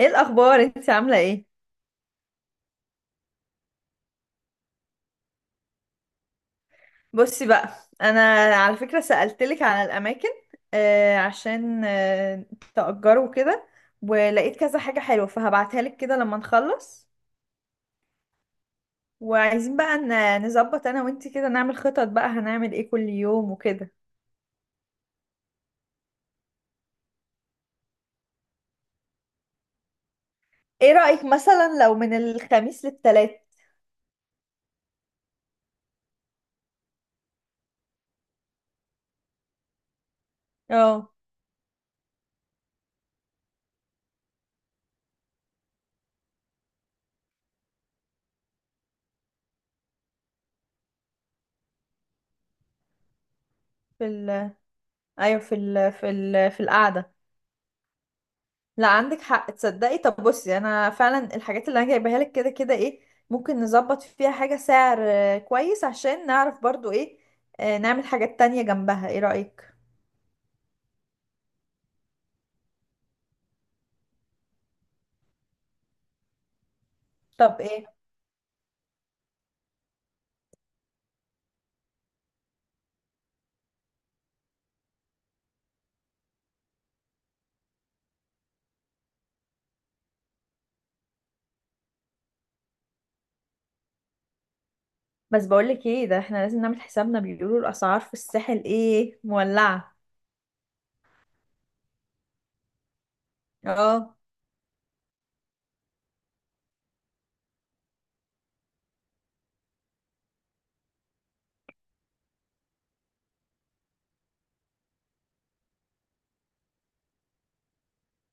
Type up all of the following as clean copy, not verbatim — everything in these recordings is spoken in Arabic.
ايه الاخبار؟ انت عامله ايه؟ بصي بقى. انا على فكره سالتلك على الاماكن. عشان تأجروا كده. ولقيت كذا حاجه حلوه فهبعتها لك كده لما نخلص. وعايزين بقى نظبط انا وانت كده، نعمل خطط بقى هنعمل ايه كل يوم وكده. ايه رايك مثلا لو من الخميس للتلات؟ اه، في ال ايوه، في القعده. لا، عندك حق. تصدقي طب بصي، انا فعلا الحاجات اللي انا جايباها لك كده كده ايه، ممكن نظبط فيها حاجة سعر كويس، عشان نعرف برضو ايه. نعمل حاجات تانية جنبها. ايه رأيك؟ طب ايه؟ بس بقولك ايه، ده احنا لازم نعمل حسابنا، بيقولوا الاسعار في الساحل ايه مولعة. اه.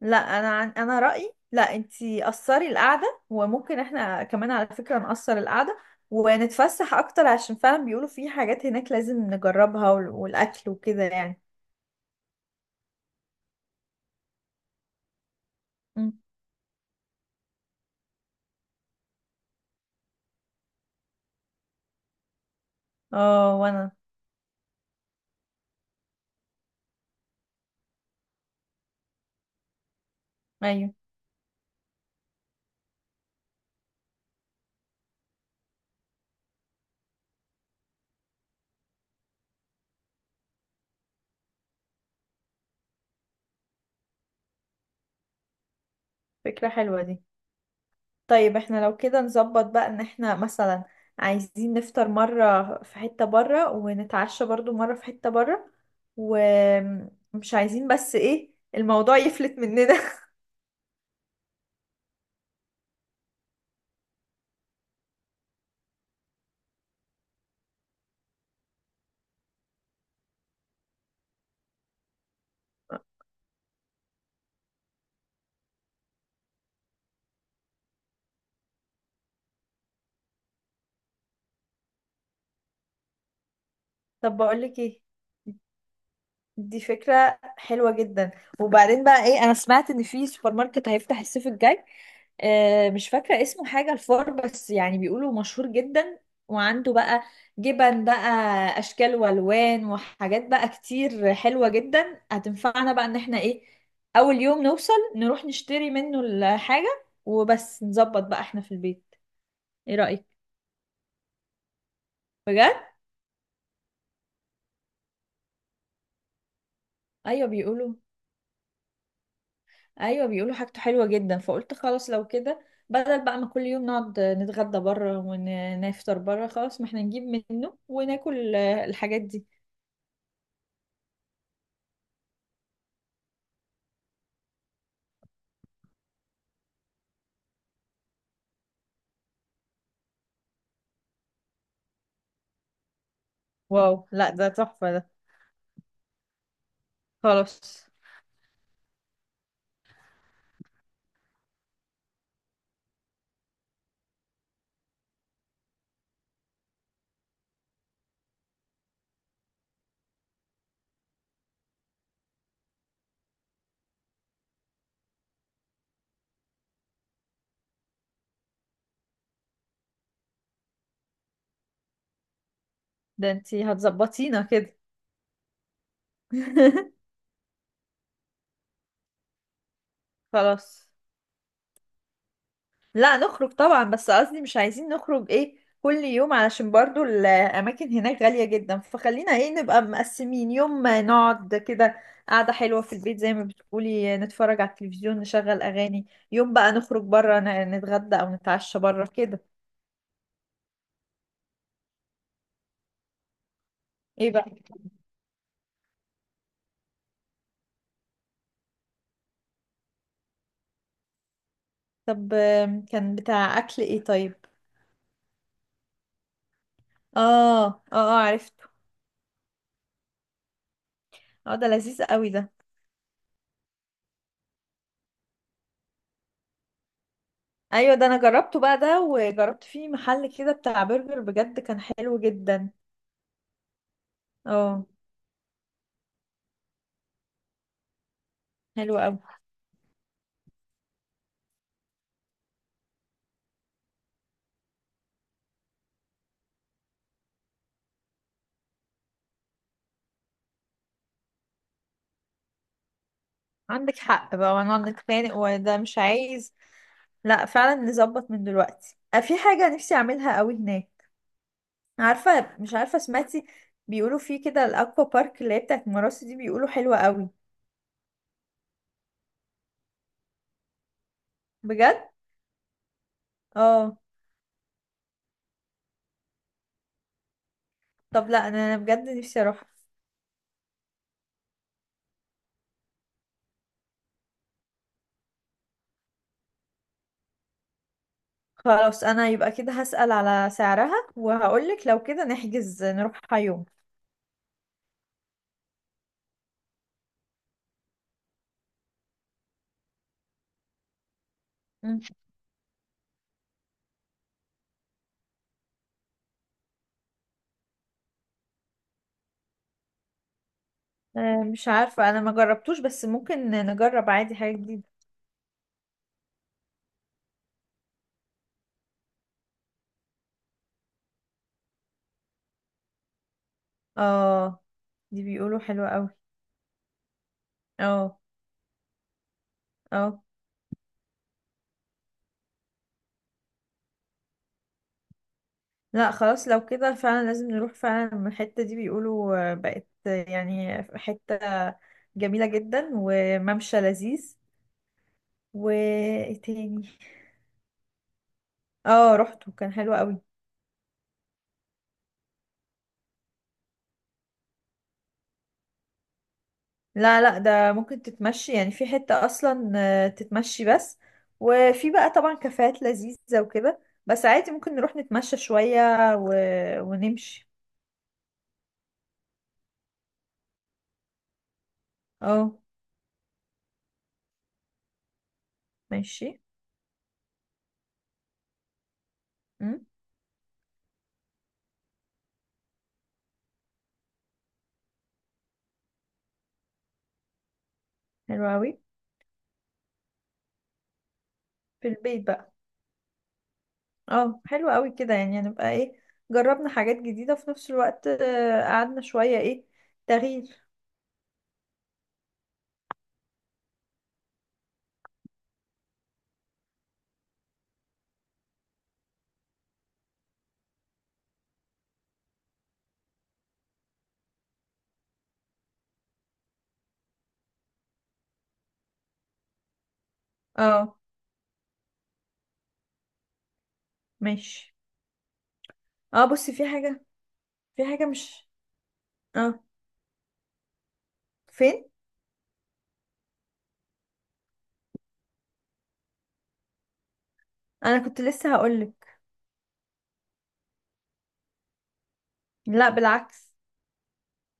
لا، انا رأيي لا، انتي قصري القعدة، وممكن احنا كمان على فكرة نقصر القعدة، ونتفسح اكتر، عشان فعلا بيقولوا في حاجات هناك لازم نجربها والاكل وكده يعني. اه، وانا. ايوه، فكرة حلوة دي. طيب احنا لو كده نظبط بقى ان احنا مثلا عايزين نفطر مرة في حتة برا، ونتعشى برضو مرة في حتة برا. ومش عايزين بس ايه، الموضوع يفلت مننا. طب بقولك ايه، دي فكرة حلوة جدا. وبعدين بقى ايه، انا سمعت ان في سوبر ماركت هيفتح الصيف الجاي. مش فاكرة اسمه، حاجة الفار، بس يعني بيقولوا مشهور جدا. وعنده بقى جبن بقى، اشكال والوان، وحاجات بقى كتير حلوة جدا، هتنفعنا بقى ان احنا ايه، اول يوم نوصل نروح نشتري منه الحاجة، وبس نظبط بقى احنا في البيت. ايه رأيك؟ بجد. ايوه بيقولوا ايوه، بيقولوا حاجته حلوه جدا، فقلت خلاص لو كده، بدل بقى ما كل يوم نقعد نتغدى بره ونفطر بره، خلاص ما احنا نجيب منه وناكل الحاجات دي. واو! لا ده تحفه ده. خلاص. ده انتي هتظبطينا كده! خلاص. لا، نخرج طبعا، بس قصدي مش عايزين نخرج ايه، كل يوم علشان برضو الاماكن هناك غالية جدا، فخلينا ايه نبقى مقسمين، يوم ما نقعد كده قعدة حلوة في البيت زي ما بتقولي، نتفرج على التلفزيون، نشغل اغاني. يوم بقى نخرج بره نتغدى او نتعشى بره كده. ايه بقى؟ طب كان بتاع اكل ايه طيب؟ اه، اه، اه، عرفته. اه، ده لذيذ قوي ده. ايوه، ده انا جربته بقى ده، وجربت فيه محل كده بتاع برجر، بجد كان حلو جدا. اه، حلو قوي. عندك حق بقى، وانا عندك خانق، وده مش عايز. لا، فعلا نظبط من دلوقتي. في حاجة نفسي اعملها قوي هناك. عارفة، مش عارفة سمعتي، بيقولوا في كده الاكوا بارك اللي هي بتاعت مراسي دي، بيقولوا حلوة قوي. بجد؟ اه. طب لا، انا بجد نفسي اروح. خلاص، انا يبقى كده هسأل على سعرها وهقولك، لو كده نحجز نروحها يوم. مم. مش عارفة انا ما جربتوش، بس ممكن نجرب عادي حاجة جديدة. اه، دي بيقولوا حلوة قوي. اه، اه، لا خلاص لو كده فعلا لازم نروح. فعلا من الحتة دي بيقولوا بقت يعني حتة جميلة جدا وممشى لذيذ. وايه تاني؟ اه، رحته كان حلو قوي. لا، لا، ده ممكن تتمشي، يعني في حتة اصلا تتمشي بس. وفي بقى طبعا كافيهات لذيذة وكده. بس عادي ممكن نروح نتمشى شوية و... ونمشي. اه. ماشي. مم، حلو قوي، في البيت بقى. اه، حلو قوي كده، يعني هنبقى ايه، جربنا حاجات جديدة في نفس الوقت، قعدنا شوية، ايه، تغيير. اه، ماشي. اه، بصي في حاجة. في حاجة مش اه، فين؟ انا كنت لسه هقولك. لا، بالعكس،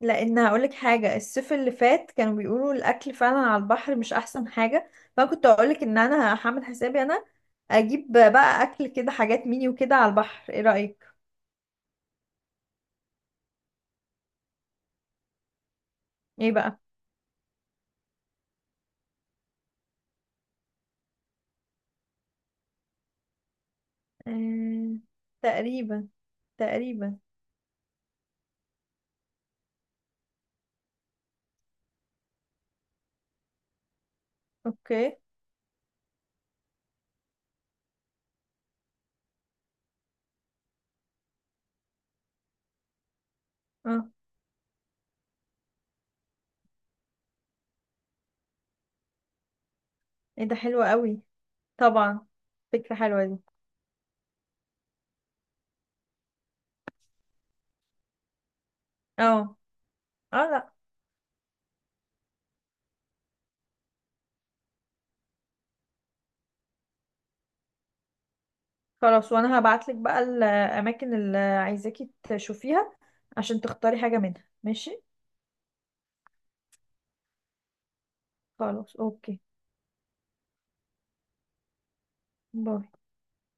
لان هقولك حاجة، الصيف اللي فات كانوا بيقولوا الاكل فعلا على البحر مش احسن حاجة. فانا كنت هقولك ان انا هعمل حسابي، انا اجيب بقى اكل كده، حاجات ميني وكده على البحر. ايه رأيك؟ ايه بقى؟ آه... تقريبا، تقريبا. اوكي. اه، ايه ده، حلو قوي. طبعا. فكرة حلوة دي. اه، اه، لا خلاص، وانا هبعتلك بقى الاماكن اللي عايزاكي تشوفيها عشان تختاري حاجة منها. ماشي. خلاص، اوكي. باي.